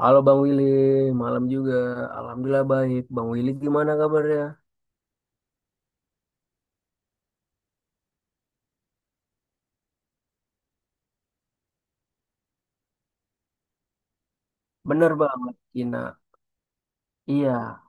Halo Bang Willy, malam juga. Alhamdulillah baik. Bang Willy gimana kabarnya? Bener banget, Cina. Iya,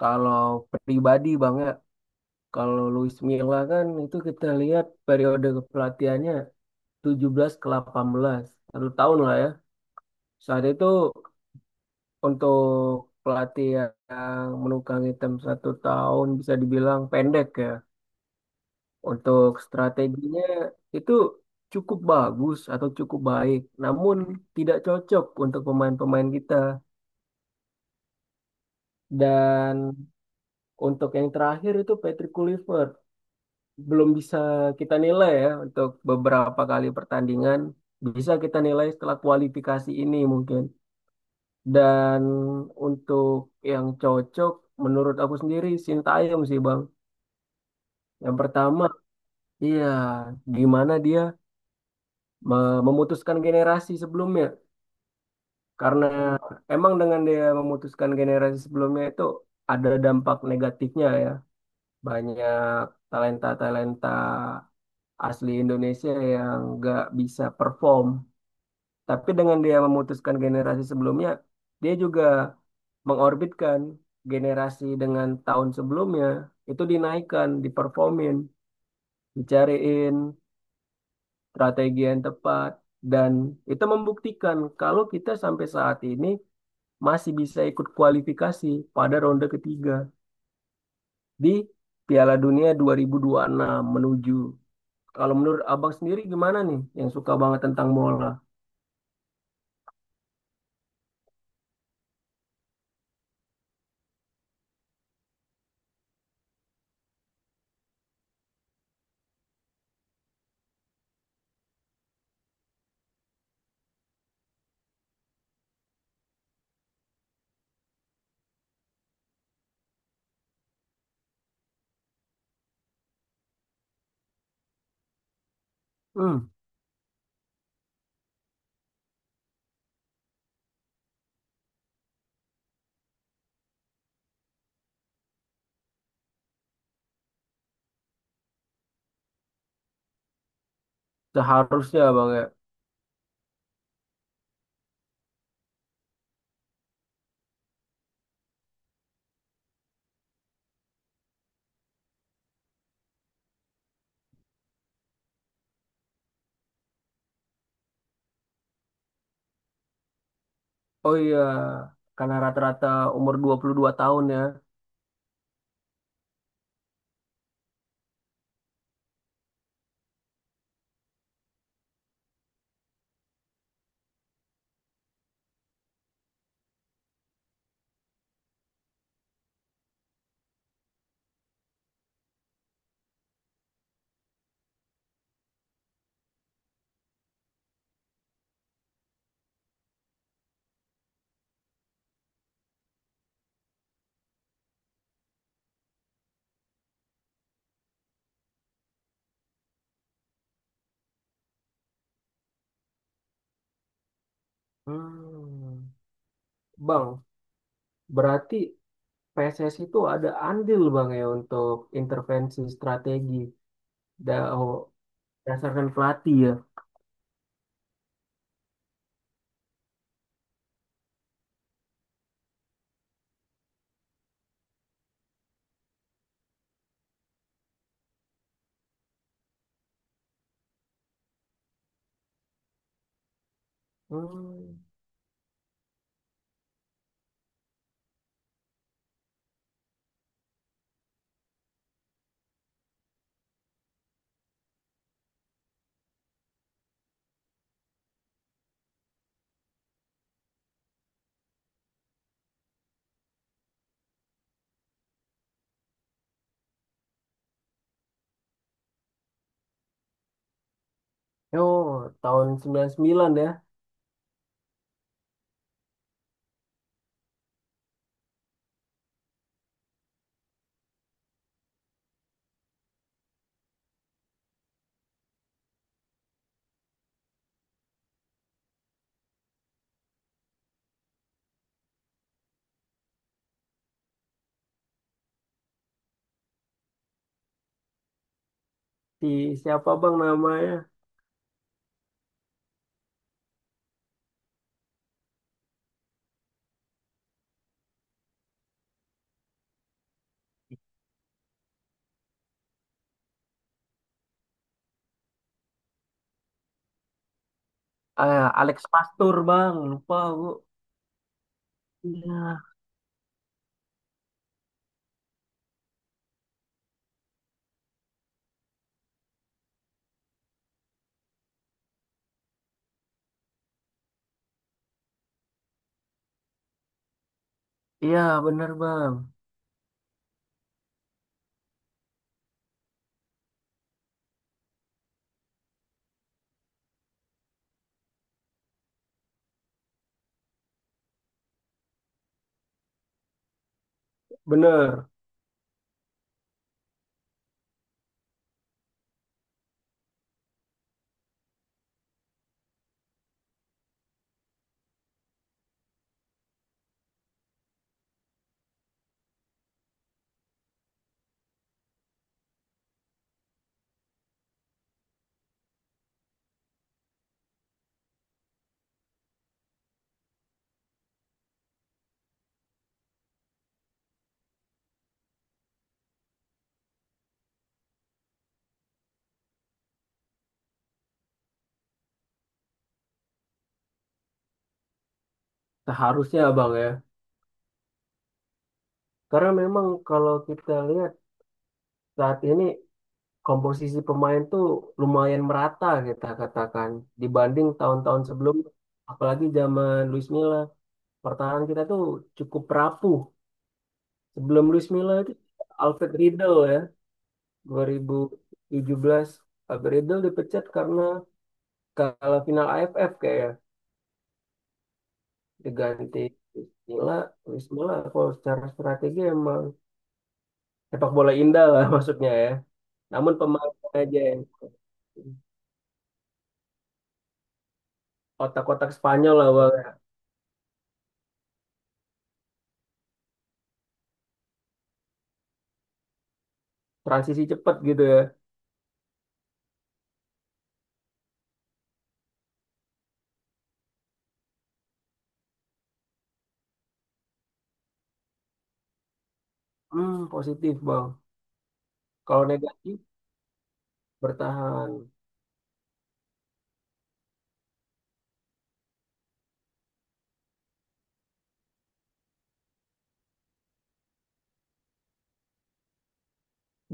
kalau pribadi Bang ya, kalau Luis Milla kan itu kita lihat periode kepelatihannya 17 ke 18 satu tahun lah ya. Saat itu untuk pelatih yang menukang hitam satu tahun bisa dibilang pendek ya. Untuk strateginya itu cukup bagus atau cukup baik, namun tidak cocok untuk pemain-pemain kita. Dan untuk yang terakhir itu Patrick Kluivert. Belum bisa kita nilai ya untuk beberapa kali pertandingan. Bisa kita nilai setelah kualifikasi ini mungkin. Dan untuk yang cocok menurut aku sendiri Sintayong sih Bang. Yang pertama, iya gimana dia memutuskan generasi sebelumnya. Karena emang dengan dia memutuskan generasi sebelumnya itu ada dampak negatifnya ya. Banyak talenta-talenta asli Indonesia yang nggak bisa perform. Tapi dengan dia memutuskan generasi sebelumnya, dia juga mengorbitkan generasi dengan tahun sebelumnya, itu dinaikkan, diperformin, dicariin strategi yang tepat. Dan itu membuktikan kalau kita sampai saat ini masih bisa ikut kualifikasi pada ronde ketiga di Piala Dunia 2026 menuju. Kalau menurut Abang sendiri gimana nih yang suka banget tentang bola? Hmm, Seharusnya Bang ya. Oh iya, karena rata-rata umur 22 tahun ya. Hmm, Bang, berarti PSS itu ada andil Bang ya untuk intervensi strategi oh, berdasarkan pelatih ya. Hmm. Oh, tahun 99 ya. Si siapa bang namanya? Ah, Alex Pastur bang, lupa bu. Iya, iya bener bang, bener. Seharusnya bang ya, karena memang kalau kita lihat saat ini komposisi pemain tuh lumayan merata kita katakan dibanding tahun-tahun sebelum, apalagi zaman Luis Milla. Pertahanan kita tuh cukup rapuh. Sebelum Luis Milla itu Alfred Riedel ya, 2017 Alfred Riedel dipecat karena kalau final AFF kayak diganti Wismila. Wismila kalau secara strategi emang sepak bola indah lah maksudnya ya. Namun pemain aja yang otak-otak Spanyol lah bang. Transisi cepat gitu ya. Positif bang. Kalau negatif bertahan.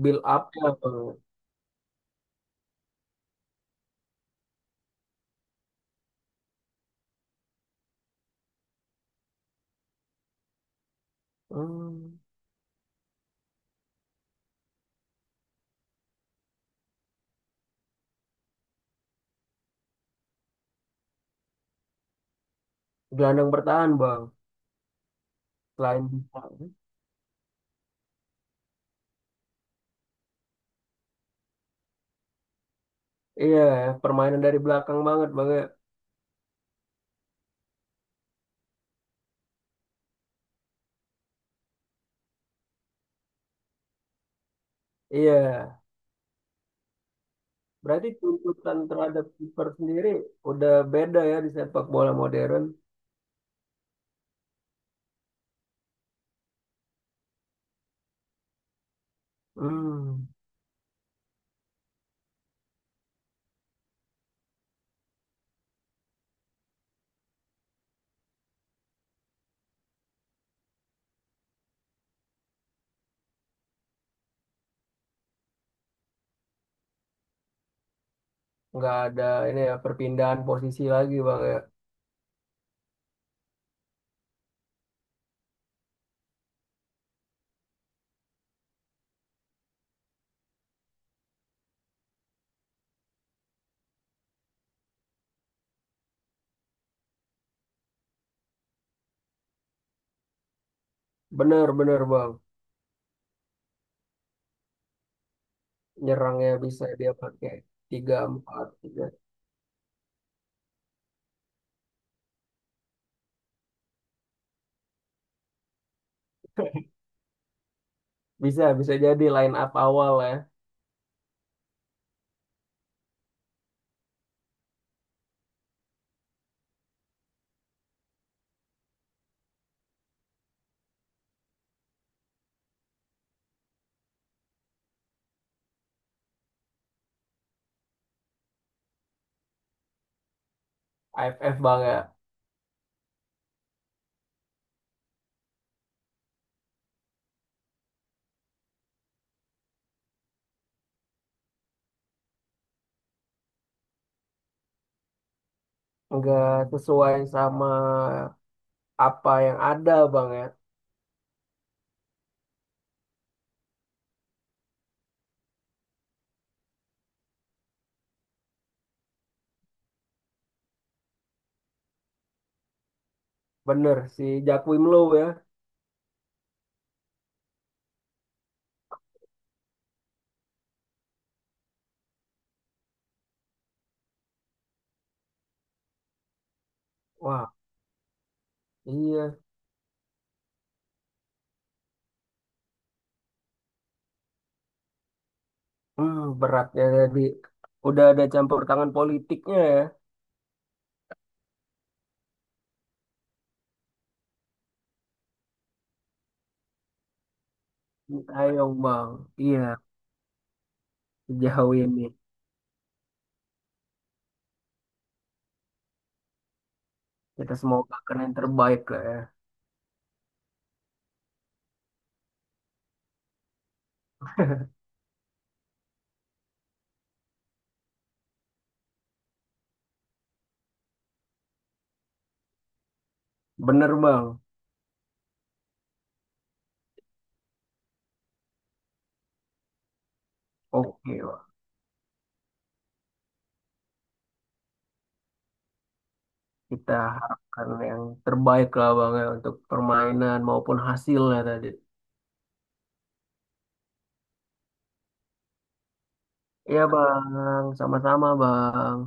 Build up ya bang. Hmm, Gelandang bertahan bang. Selain bisa. Iya, permainan dari belakang banget bang ya. Iya. Berarti tuntutan terhadap kiper sendiri udah beda ya di sepak bola modern. Hmm, nggak ada ini ya perpindahan posisi lagi bang ya. Bener bener bang. Nyerangnya bisa dia pakai tiga empat tiga. Bisa bisa jadi line up awal ya. AFF bang ya. Nggak sesuai sama apa yang ada bang ya. Bener si Jack Low ya. Wah iya. Beratnya jadi udah ada campur tangan politiknya ya. Sintayong bang, iya sejauh ini kita semoga kan yang terbaik lah ya. Bener bang, oke bang. Kita harapkan yang terbaik lah bang ya untuk permainan maupun hasilnya tadi. Iya bang, sama-sama bang.